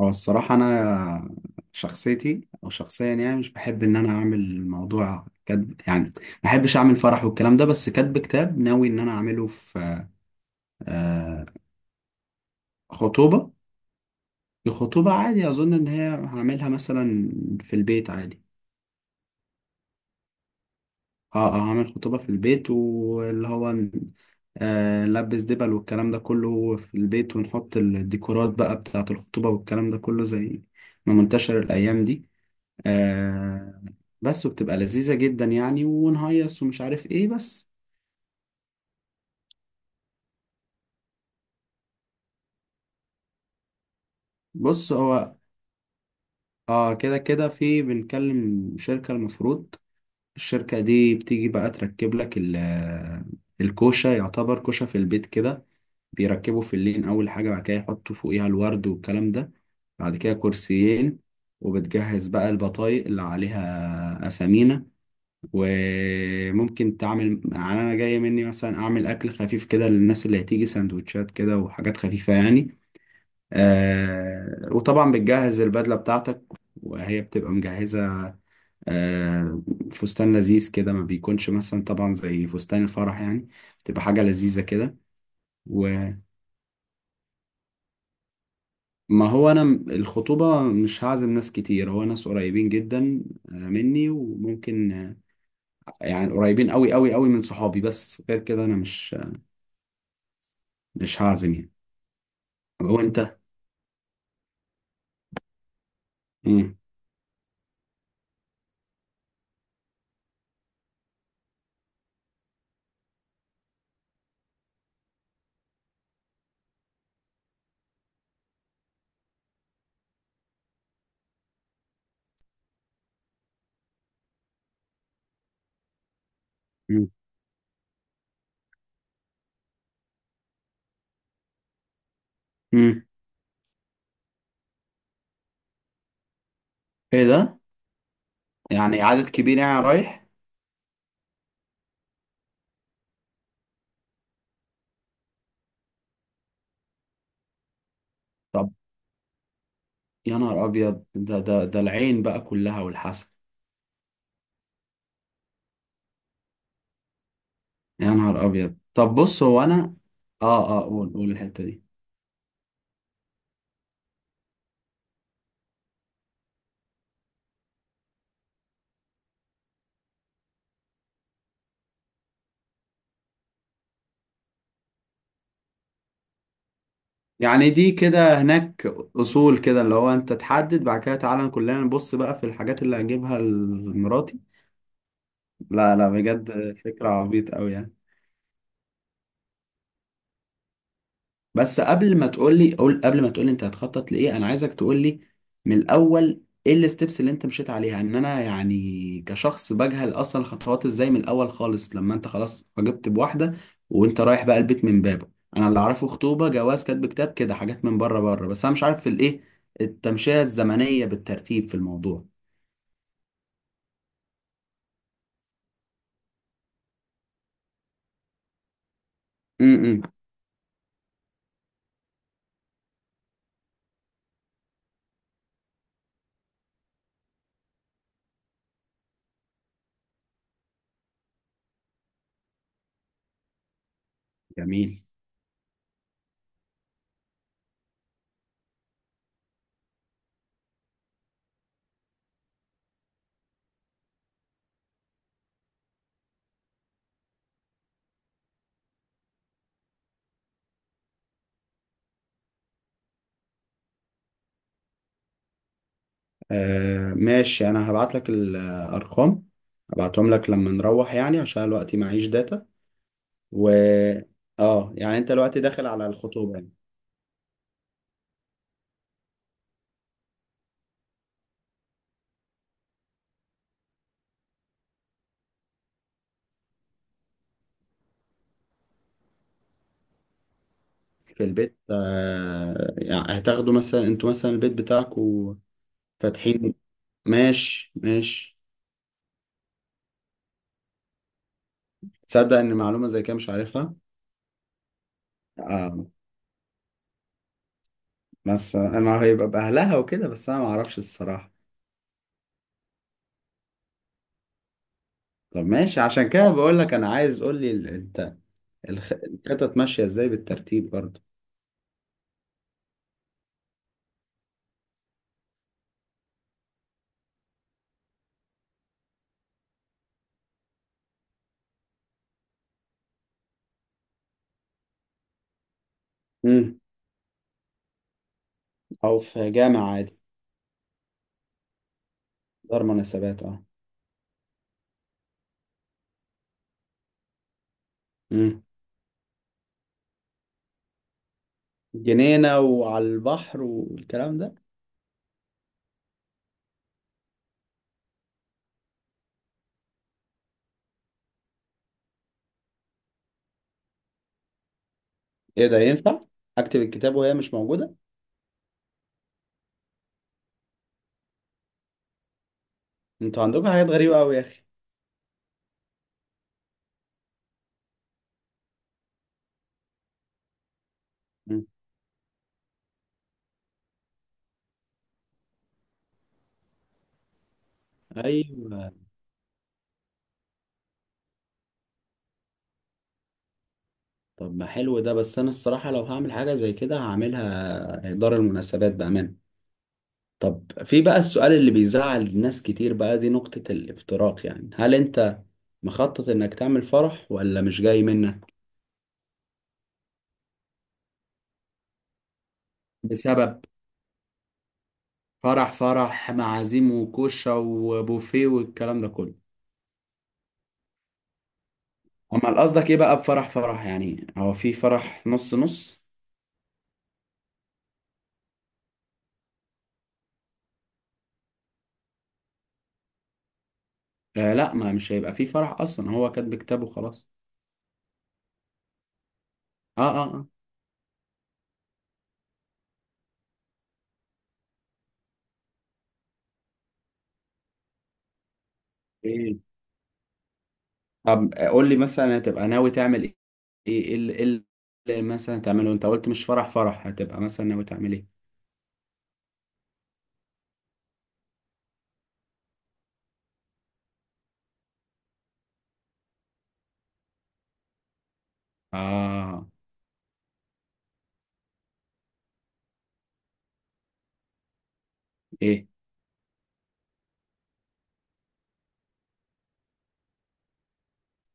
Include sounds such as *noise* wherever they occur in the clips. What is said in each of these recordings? هو الصراحة أنا شخصيتي أو شخصيا يعني مش بحب إن أنا أعمل موضوع كاتب، يعني ما بحبش أعمل فرح والكلام ده. بس كاتب كتاب ناوي إن أنا أعمله في آه، خطوبة. الخطوبة عادي أظن إن هي هعملها مثلا في البيت عادي. أه أه، هعمل خطوبة في البيت واللي هو نلبس دبل والكلام ده كله في البيت، ونحط الديكورات بقى بتاعة الخطوبة والكلام ده كله زي ما منتشر الأيام دي. آه بس، وبتبقى لذيذة جدا يعني ونهيص ومش عارف ايه بس. بص هو اه كده كده في بنكلم شركة المفروض. الشركة دي بتيجي بقى تركب لك الكوشة، يعتبر كوشة في البيت كده. بيركبوا في اللين أول حاجة، بعد كده يحطوا فوقيها الورد والكلام ده، بعد كده كرسيين. وبتجهز بقى البطايق اللي عليها أسامينا. وممكن تعمل يعني انا جاي مني مثلا اعمل اكل خفيف كده للناس اللي هتيجي، سندوتشات كده وحاجات خفيفة يعني. وطبعا بتجهز البدلة بتاعتك، وهي بتبقى مجهزة. آه فستان لذيذ كده، ما بيكونش مثلا طبعا زي فستان الفرح يعني، بتبقى حاجة لذيذة كده. وما هو أنا الخطوبة مش هعزم ناس كتير، هو ناس قريبين جدا مني، وممكن يعني قريبين أوي أوي أوي من صحابي، بس غير كده أنا مش هعزم يعني. وانت. مم. مم. مم. ايه ده؟ يعني عدد كبير يعني رايح؟ طب، يا نهار ابيض! ده العين بقى كلها والحسن. يا نهار ابيض، طب بص هو انا. اه اه، قول قول الحتة دي. يعني دي كده هناك اصول، كده اللي هو انت تحدد بعد كده تعالى كلنا نبص بقى في الحاجات اللي هجيبها لمراتي. لا لا، بجد فكرة عبيط قوي يعني. بس قبل ما تقول لي، قول، قبل ما تقول لي انت هتخطط لايه، انا عايزك تقول لي من الاول ايه الستبس اللي انت مشيت عليها، ان انا يعني كشخص بجهل اصلا الخطوات ازاي، من الاول خالص لما انت خلاص عجبت بواحده وانت رايح بقى البيت من بابه. انا اللي اعرفه خطوبه، جواز، كاتب كتاب، كده حاجات من بره بره، بس انا مش عارف في الايه التمشيه الزمنيه بالترتيب في الموضوع. امم. جميل. ماشي، انا هبعت لك الارقام، هبعتهم لك لما نروح يعني عشان الوقت معيش داتا. و. اه يعني انت دلوقتي داخل على الخطوبة يعني؟ في البيت يعني هتاخدوا مثلا انتوا مثلا البيت بتاعكوا فاتحين؟ ماشي ماشي. تصدق ان معلومة زي كده مش عارفها! اه، بس انا هيبقى باهلها وكده، بس انا ما اعرفش الصراحة. طب ماشي، عشان كده بقول لك انا عايز قول لي انت الخطط ماشية ازاي بالترتيب برضه. امم. او في جامع عادي. دار مناسبات، اه. امم. جنينة وعلى البحر والكلام ده. ايه ده ينفع؟ اكتب الكتاب وهي مش موجوده؟ انتوا عندكم حاجات غريبه قوي يا اخي! مم. ايوه. طب ما حلو ده، بس انا الصراحه لو هعمل حاجه زي كده هعملها دار المناسبات بامان. طب في بقى السؤال اللي بيزعل الناس كتير بقى، دي نقطه الافتراق، يعني هل انت مخطط انك تعمل فرح ولا مش جاي منك؟ بسبب. فرح فرح، معازيم وكوشة وبوفيه والكلام ده كله. امال قصدك ايه بقى بفرح فرح يعني؟ هو في فرح نص نص؟ لا، ما مش هيبقى فيه فرح اصلا، هو كاتب كتابه خلاص. اه اه اه. ايه. طب قول لي مثلا هتبقى ناوي تعمل ايه. ايه إيه اللي مثلا تعمله؟ انت قلت مش فرح فرح، هتبقى مثلا ناوي تعمل ايه؟ اه. ايه.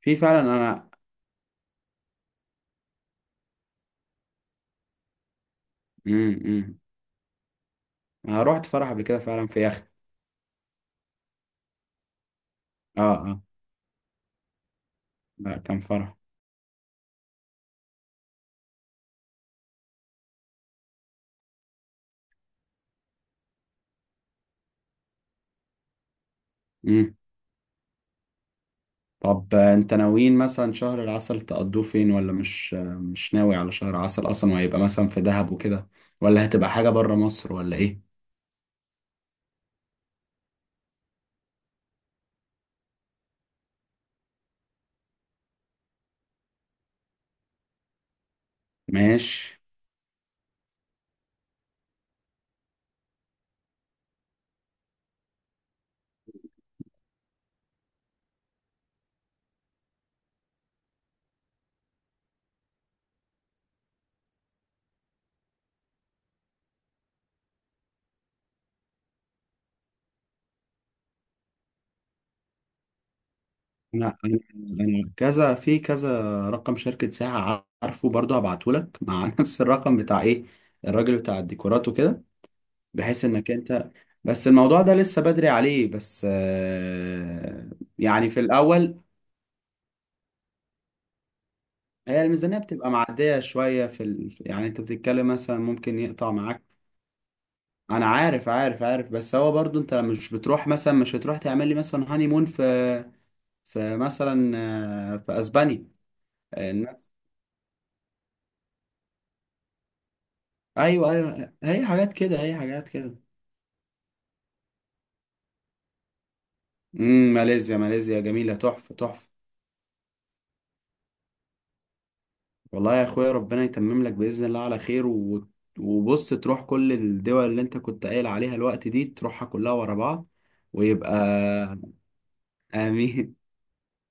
في فعلا، انا. امم. إمم. انا رحت فرح قبل كده فعلا في يخت. اه اه، لا كان فرح. امم. طب انت ناويين مثلا شهر العسل تقضوه فين؟ ولا مش مش ناوي على شهر عسل اصلا وهيبقى مثلا في دهب وكده؟ ولا هتبقى حاجة بره مصر ولا ايه؟ ماشي. انا انا أنا كذا في كذا، رقم شركة ساعة عارفه برضه، هبعته لك مع *laughs* نفس الرقم بتاع ايه، الراجل بتاع الديكورات وكده، بحيث انك انت. بس الموضوع ده لسه بدري عليه بس يعني في الاول هي الميزانية بتبقى معدية شوية في يعني انت بتتكلم مثلا ممكن يقطع معاك. انا عارف عارف عارف، بس هو برضه انت مش بتروح مثلا، مش هتروح تعمل لي مثلا هاني مون في مثلا في اسبانيا؟ ايوه ايوه، هي حاجات كده هي حاجات كده. امم. ماليزيا، ماليزيا جميلة، تحفة تحفة. والله يا اخويا ربنا يتمم لك بإذن الله على خير و. وبص تروح كل الدول اللي انت كنت قايل عليها الوقت دي، تروحها كلها ورا بعض. ويبقى. آمين.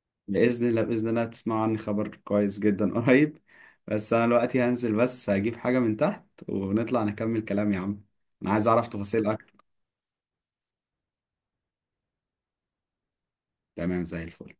*laughs* بإذن الله بإذن الله تسمع عني خبر كويس جدا *laughs* قريب. بس أنا دلوقتي هنزل بس هجيب حاجة من تحت ونطلع نكمل كلام يا عم. أنا عايز أعرف تفاصيل أكتر. تمام زي الفل.